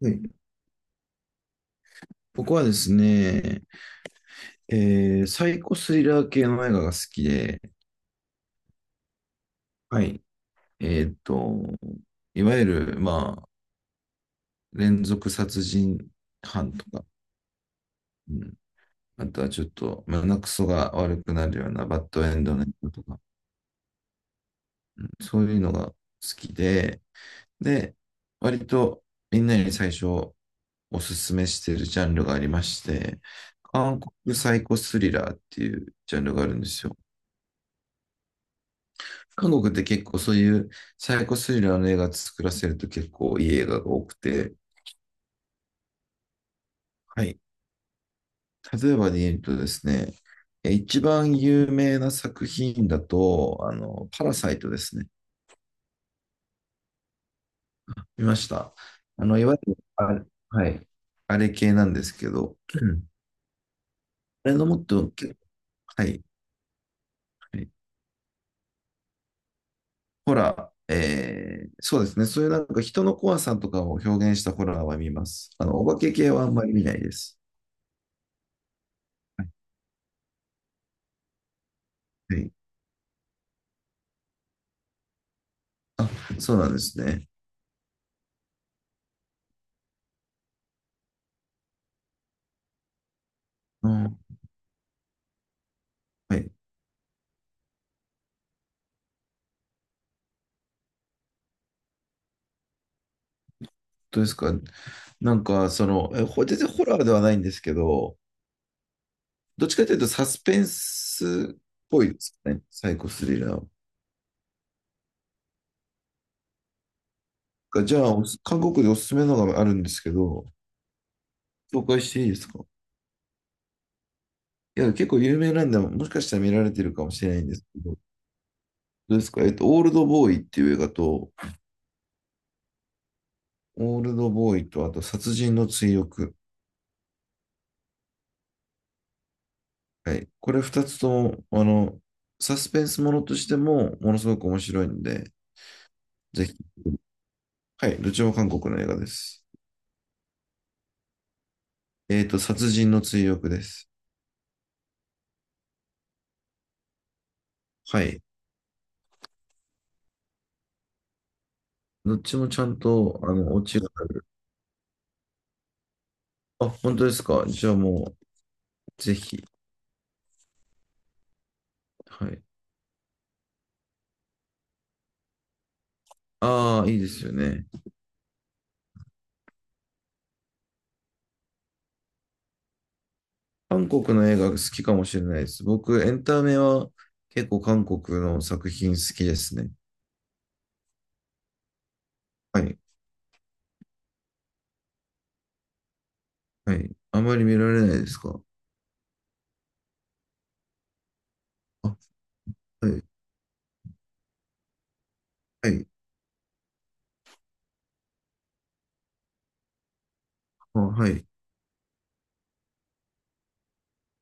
はい。僕はですね、サイコスリラー系の映画が好きで、はい。えっと、いわゆる、まあ、連続殺人犯とか、うん、あとはちょっと胸くそが悪くなるようなバッドエンドの映画とか、うんそういうのが好きで、で、割とみんなに最初おすすめしてるジャンルがありまして、韓国サイコスリラーっていうジャンルがあるんですよ。韓国って結構そういうサイコスリラーの映画作らせると結構いい映画が多くて、はい。例えばで言うとですね、一番有名な作品だと、パラサイトですね。見ました。いわゆる、あれ、はい、あれ系なんですけど、あれのもっと、はい、はい、ホラー、えーそうですね、そういうなんか人の怖さとかを表現したホラーは見ます。お化け系はあんまり見ないです。はい。はい。あ、そうなんですね。うん。はい。どうですか？なんか、全然ホラーではないんですけど、どっちかというとサスペンスっぽいですね。サイコスリラーが。じゃあ、韓国でおすすめのがあるんですけど、紹介していいですか？いや、結構有名なんで、もしかしたら見られてるかもしれないんですけど、どうですか？オールドボーイっていう映画と、オールドボーイと、あと、殺人の追憶。はい。これ二つとも、サスペンスものとしても、ものすごく面白いんで、ぜひ。はい。どっちも韓国の映画です。殺人の追憶です。はい。どっちもちゃんと、オチがある。あ、本当ですか。じゃあもう、ぜひ。はい。ああ、いいですよね。韓国の映画好きかもしれないです。僕、エンタメは結構韓国の作品好きですね。はい。はい。あまり見られないですか。あ、はい。はい。あ、はい。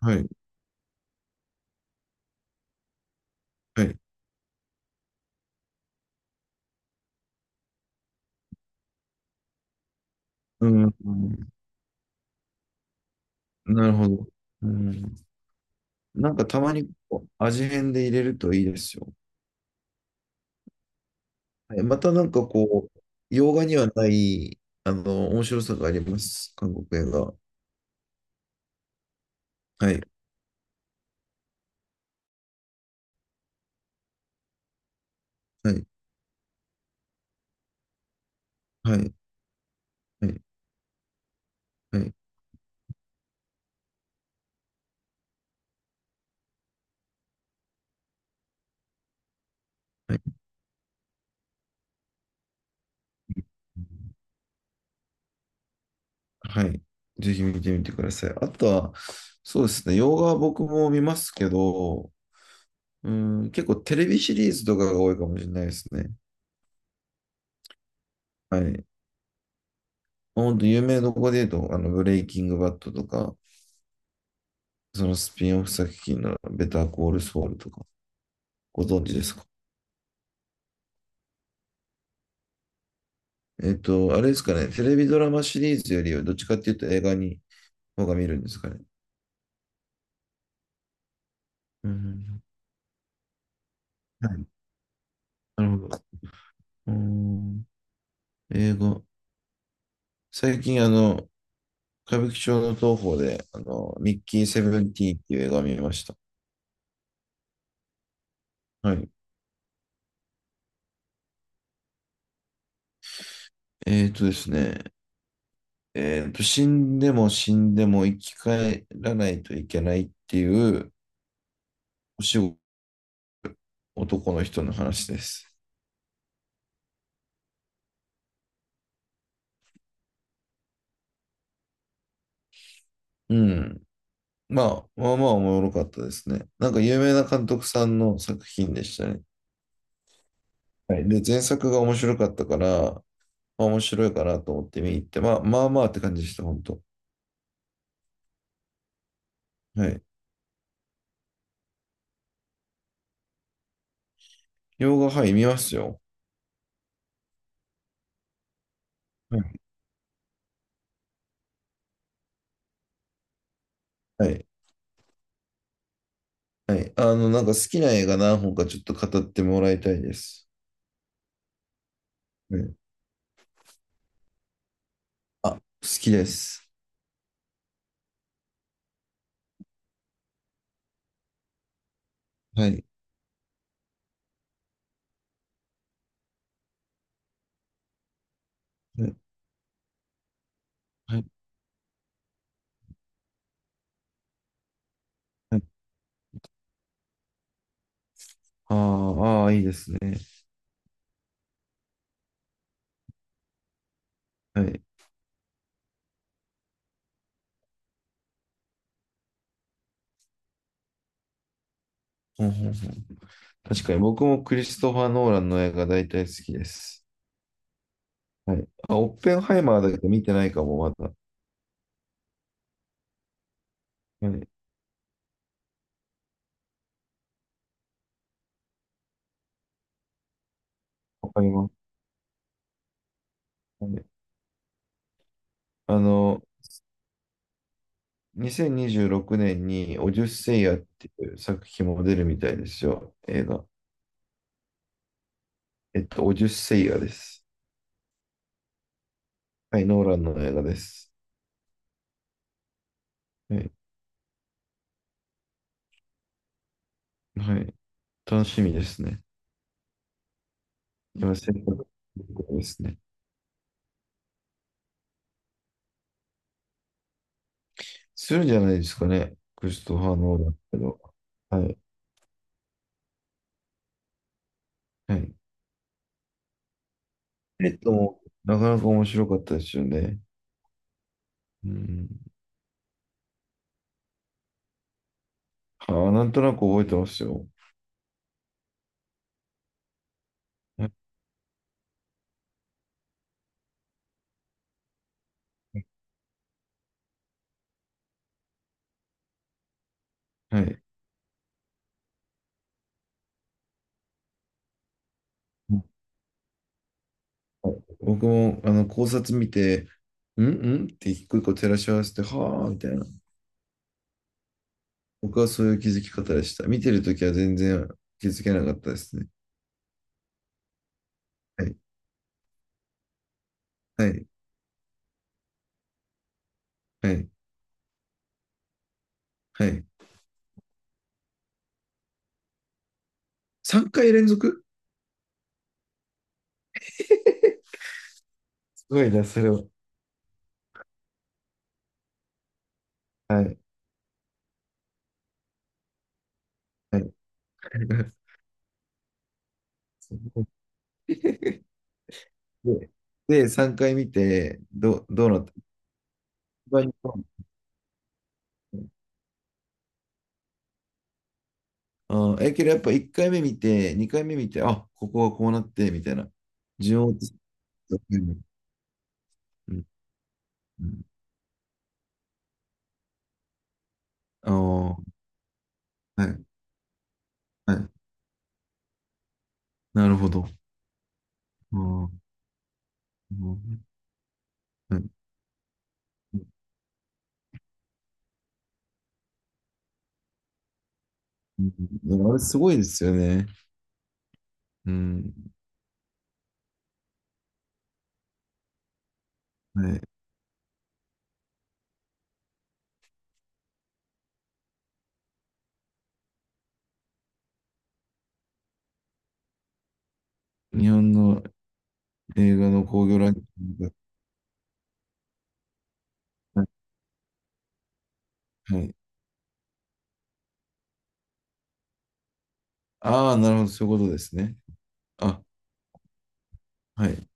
はい。はい。うん。うん。なるほど。うん。なんかたまにこう味変で入れるといいですよ。はい、またなんかこう、洋画にはない、面白さがあります。韓国映画。はい、はい、はい、はい、はい、はい。はい。ぜひ見てみてください。あとは、そうですね、洋画は僕も見ますけど、うん、結構テレビシリーズとかが多いかもしれないですね。はい。本当有名どこで言うと、ブレイキングバッドとか、そのスピンオフ作品のベターコールソウルとか、ご存知ですか？あれですかね、テレビドラマシリーズよりはどっちかっていうと映画に方が見るんですかね。うん。はい。なるほど。うん。英語。最近、歌舞伎町の東宝で、ミッキーセブンティーンっていう映画を見ました。はい。えっとですね、死んでも死んでも生き返らないといけないっていうお仕事、男の人の話です。うん。まあ、まあまあおもろかったですね。なんか有名な監督さんの作品でしたね。はい。で、前作が面白かったから、まあ、面白いかなと思って見に行って、まあ、まあまあって感じでした、本当。はい。洋画、はい、見ますよ。はい。はい。はい。なんか好きな映画何本かちょっと語ってもらいたいです。はい。あ、好きです。はい。はい。はい。はい。あーあー、いいですね。はい。ほんほんほん。確かに僕もクリストファー・ノーランの映画大体好きです。はい。あ、オッペンハイマーだけど見てないかも、まだ。はい。わかります。はい。あの、2026年にじゅうろくねんにオデュッセイアっていう作品も出るみたいですよ。映画。オデュッセイアです。はい、ノーランの映画です。はい。はい。楽しみですね。今、制作ですね。するんじゃないですかね。クリストファー・ノーランけど。はい。はい。なかなか面白かったですよね。うん。あー、なんとなく覚えてますよ。はい。はい。僕も、考察見て、うんうんって一個一個照らし合わせて、はあ、みたいな。僕はそういう気づき方でした。見てるときは全然気づけなかったですね。はい、はい、はい、はい。3回連続。すごいな、それは。はい、はい。すごい。で、で、3回見て、どうなった？一番どうなった？あー、けどやっぱ1回目見て、2回目見て、あ、ここはこうなって、みたいな。順を追って。うんうん。ああー、はい、はい。なるほど。あん。うん。うんうん。あれすごいですよね。うん。はい。日本の映画の興行ランキングが。はい。はい、ああ、なるほど。そういうことですね。あ、はい。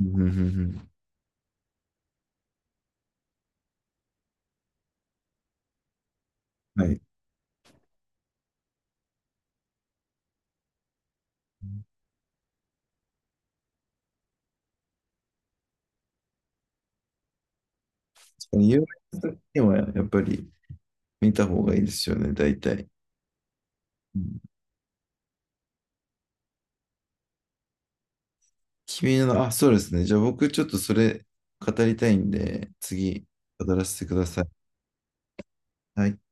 うんうんうんうん。はい。確かに有名な作品はやっぱり見た方がいいですよね、大体。うん、あ、そうですね。じゃあ僕ちょっとそれ語りたいんで、次語らせてください。はい。